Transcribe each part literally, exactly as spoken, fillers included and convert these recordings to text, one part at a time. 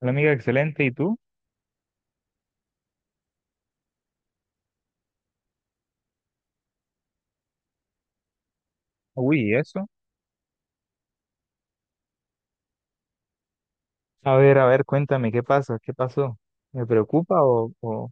Hola amiga, excelente. ¿Y tú? Uy, ¿y eso? A ver, a ver, cuéntame, ¿qué pasa? ¿Qué pasó? ¿Me preocupa o, o...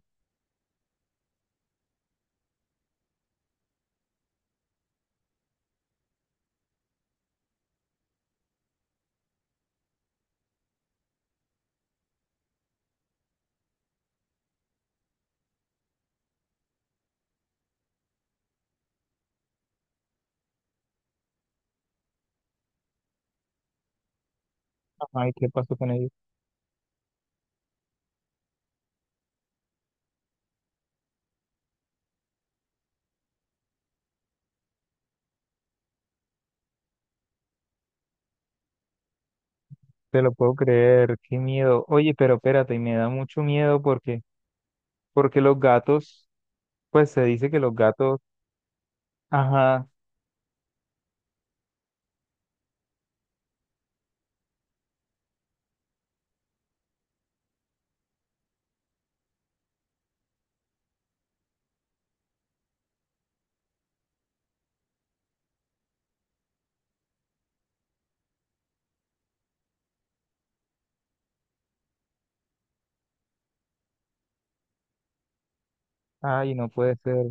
Ay, ¿qué pasó con ellos? Te lo puedo creer, qué miedo. Oye, pero espérate, y me da mucho miedo porque, porque los gatos, pues se dice que los gatos, ajá, ay, no puede ser.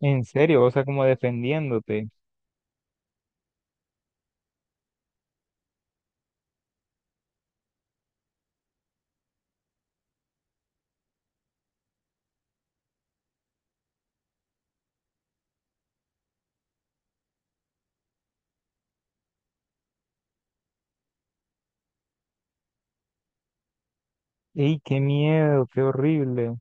En serio, o sea, como defendiéndote. Ey, qué miedo, qué horrible.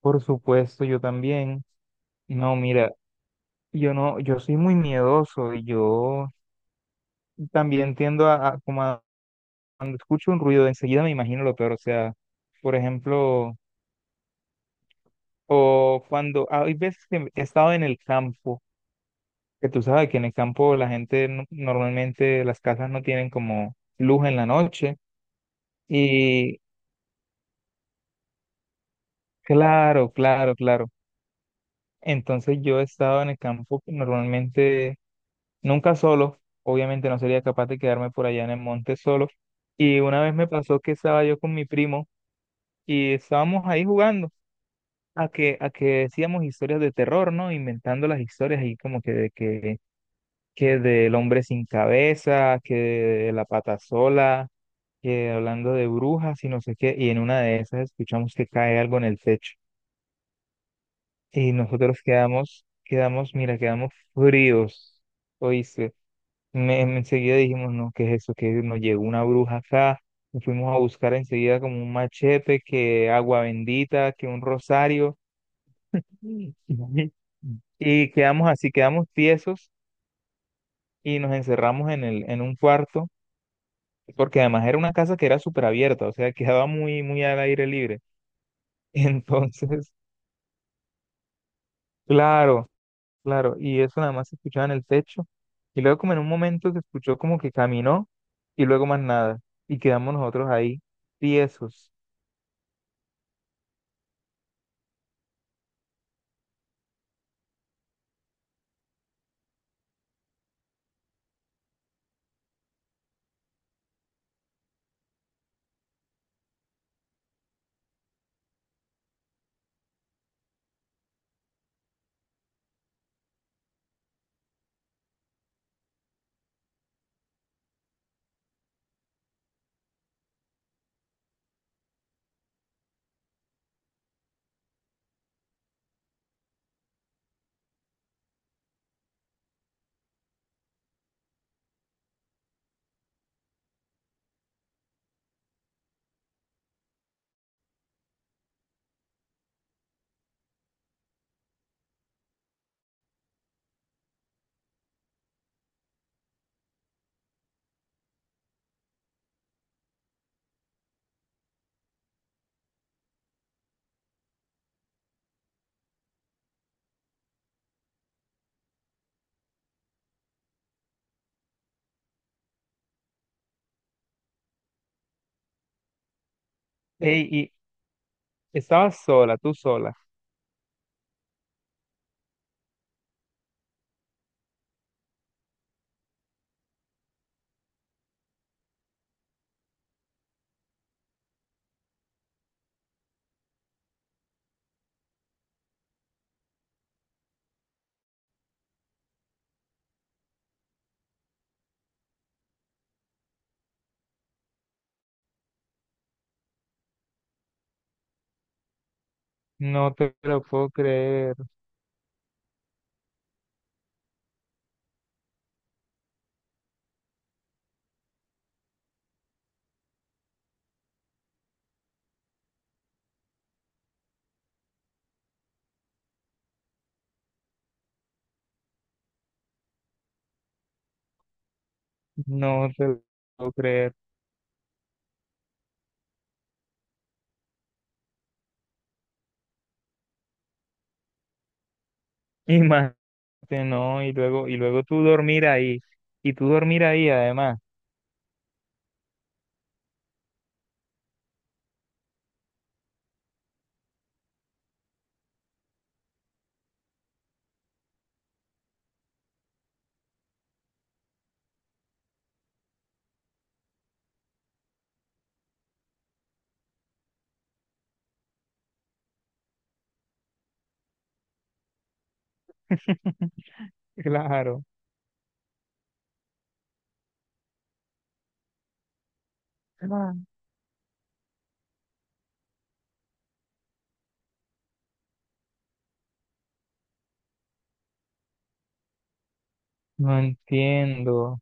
Por supuesto, yo también. No, mira, yo no, yo soy muy miedoso y yo también tiendo a, a como a cuando escucho un ruido, enseguida me imagino lo peor. O sea, por ejemplo, o cuando hay veces que he estado en el campo, que tú sabes que en el campo la gente no- normalmente las casas no tienen como luz en la noche. Y claro, claro, claro. Entonces yo he estado en el campo normalmente nunca solo. Obviamente no sería capaz de quedarme por allá en el monte solo. Y una vez me pasó que estaba yo con mi primo y estábamos ahí jugando, a que, a que decíamos historias de terror, ¿no? Inventando las historias ahí como que de que, que del hombre sin cabeza, que de la pata sola, que hablando de brujas y no sé qué, y en una de esas escuchamos que cae algo en el techo. Y nosotros quedamos, quedamos, mira, quedamos fríos. Oíste, me, me- enseguida dijimos, no, ¿qué es eso? Que nos llegó una bruja acá. Y fuimos a buscar enseguida como un machete, que agua bendita, que un rosario. Mm. Y quedamos así, quedamos tiesos y nos encerramos en el, en un cuarto, porque además era una casa que era súper abierta, o sea, quedaba muy, muy al aire libre. Entonces, claro, claro, y eso nada más se escuchaba en el techo. Y luego como en un momento se escuchó como que caminó y luego más nada. Y quedamos nosotros ahí, tiesos. Ey, y estabas sola, tú sola. No te lo puedo creer, no te lo puedo creer. Este, No, y luego, y luego tú dormir ahí, y tú dormir ahí además, claro. Ah. No entiendo.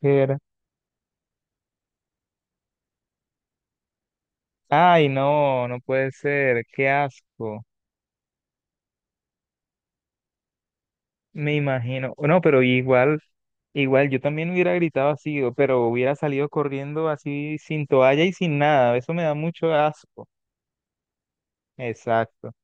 ¿Qué era? Ay, no, no puede ser, qué asco. Me imagino. No, pero igual, igual yo también hubiera gritado así, o- pero hubiera salido corriendo así sin toalla y sin nada. Eso me da mucho asco. Exacto.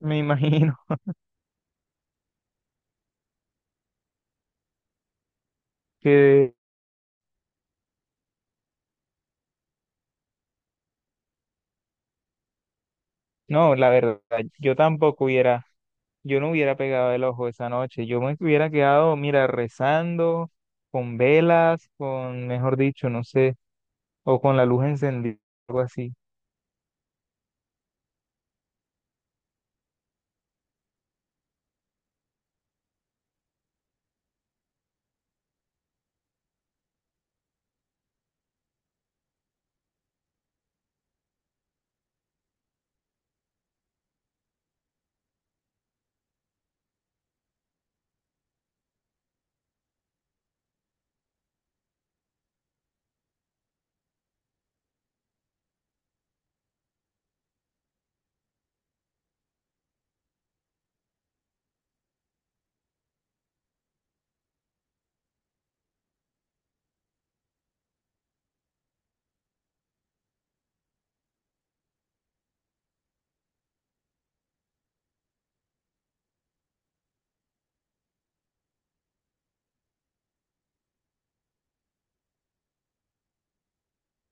Me imagino que, no, la verdad, yo tampoco hubiera. Yo no hubiera pegado el ojo esa noche. Yo me hubiera quedado, mira, rezando, con velas, con, mejor dicho, no sé, o con la luz encendida, algo así.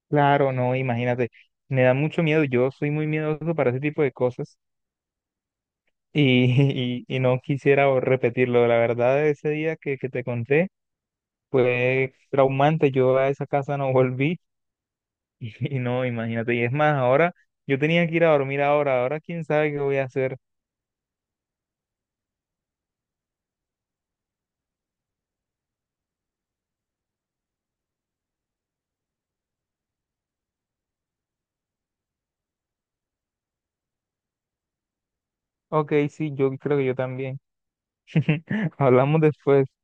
Claro, no, imagínate. Me da mucho miedo. Yo soy muy miedoso para ese tipo de cosas y, y, y no quisiera o- repetirlo. La verdad, ese día que, que te conté fue traumante. Yo a esa casa no volví y, no, imagínate. Y es más, ahora yo tenía que ir a dormir ahora. Ahora quién sabe qué voy a hacer. Ok, sí, yo creo que yo también. Hablamos después.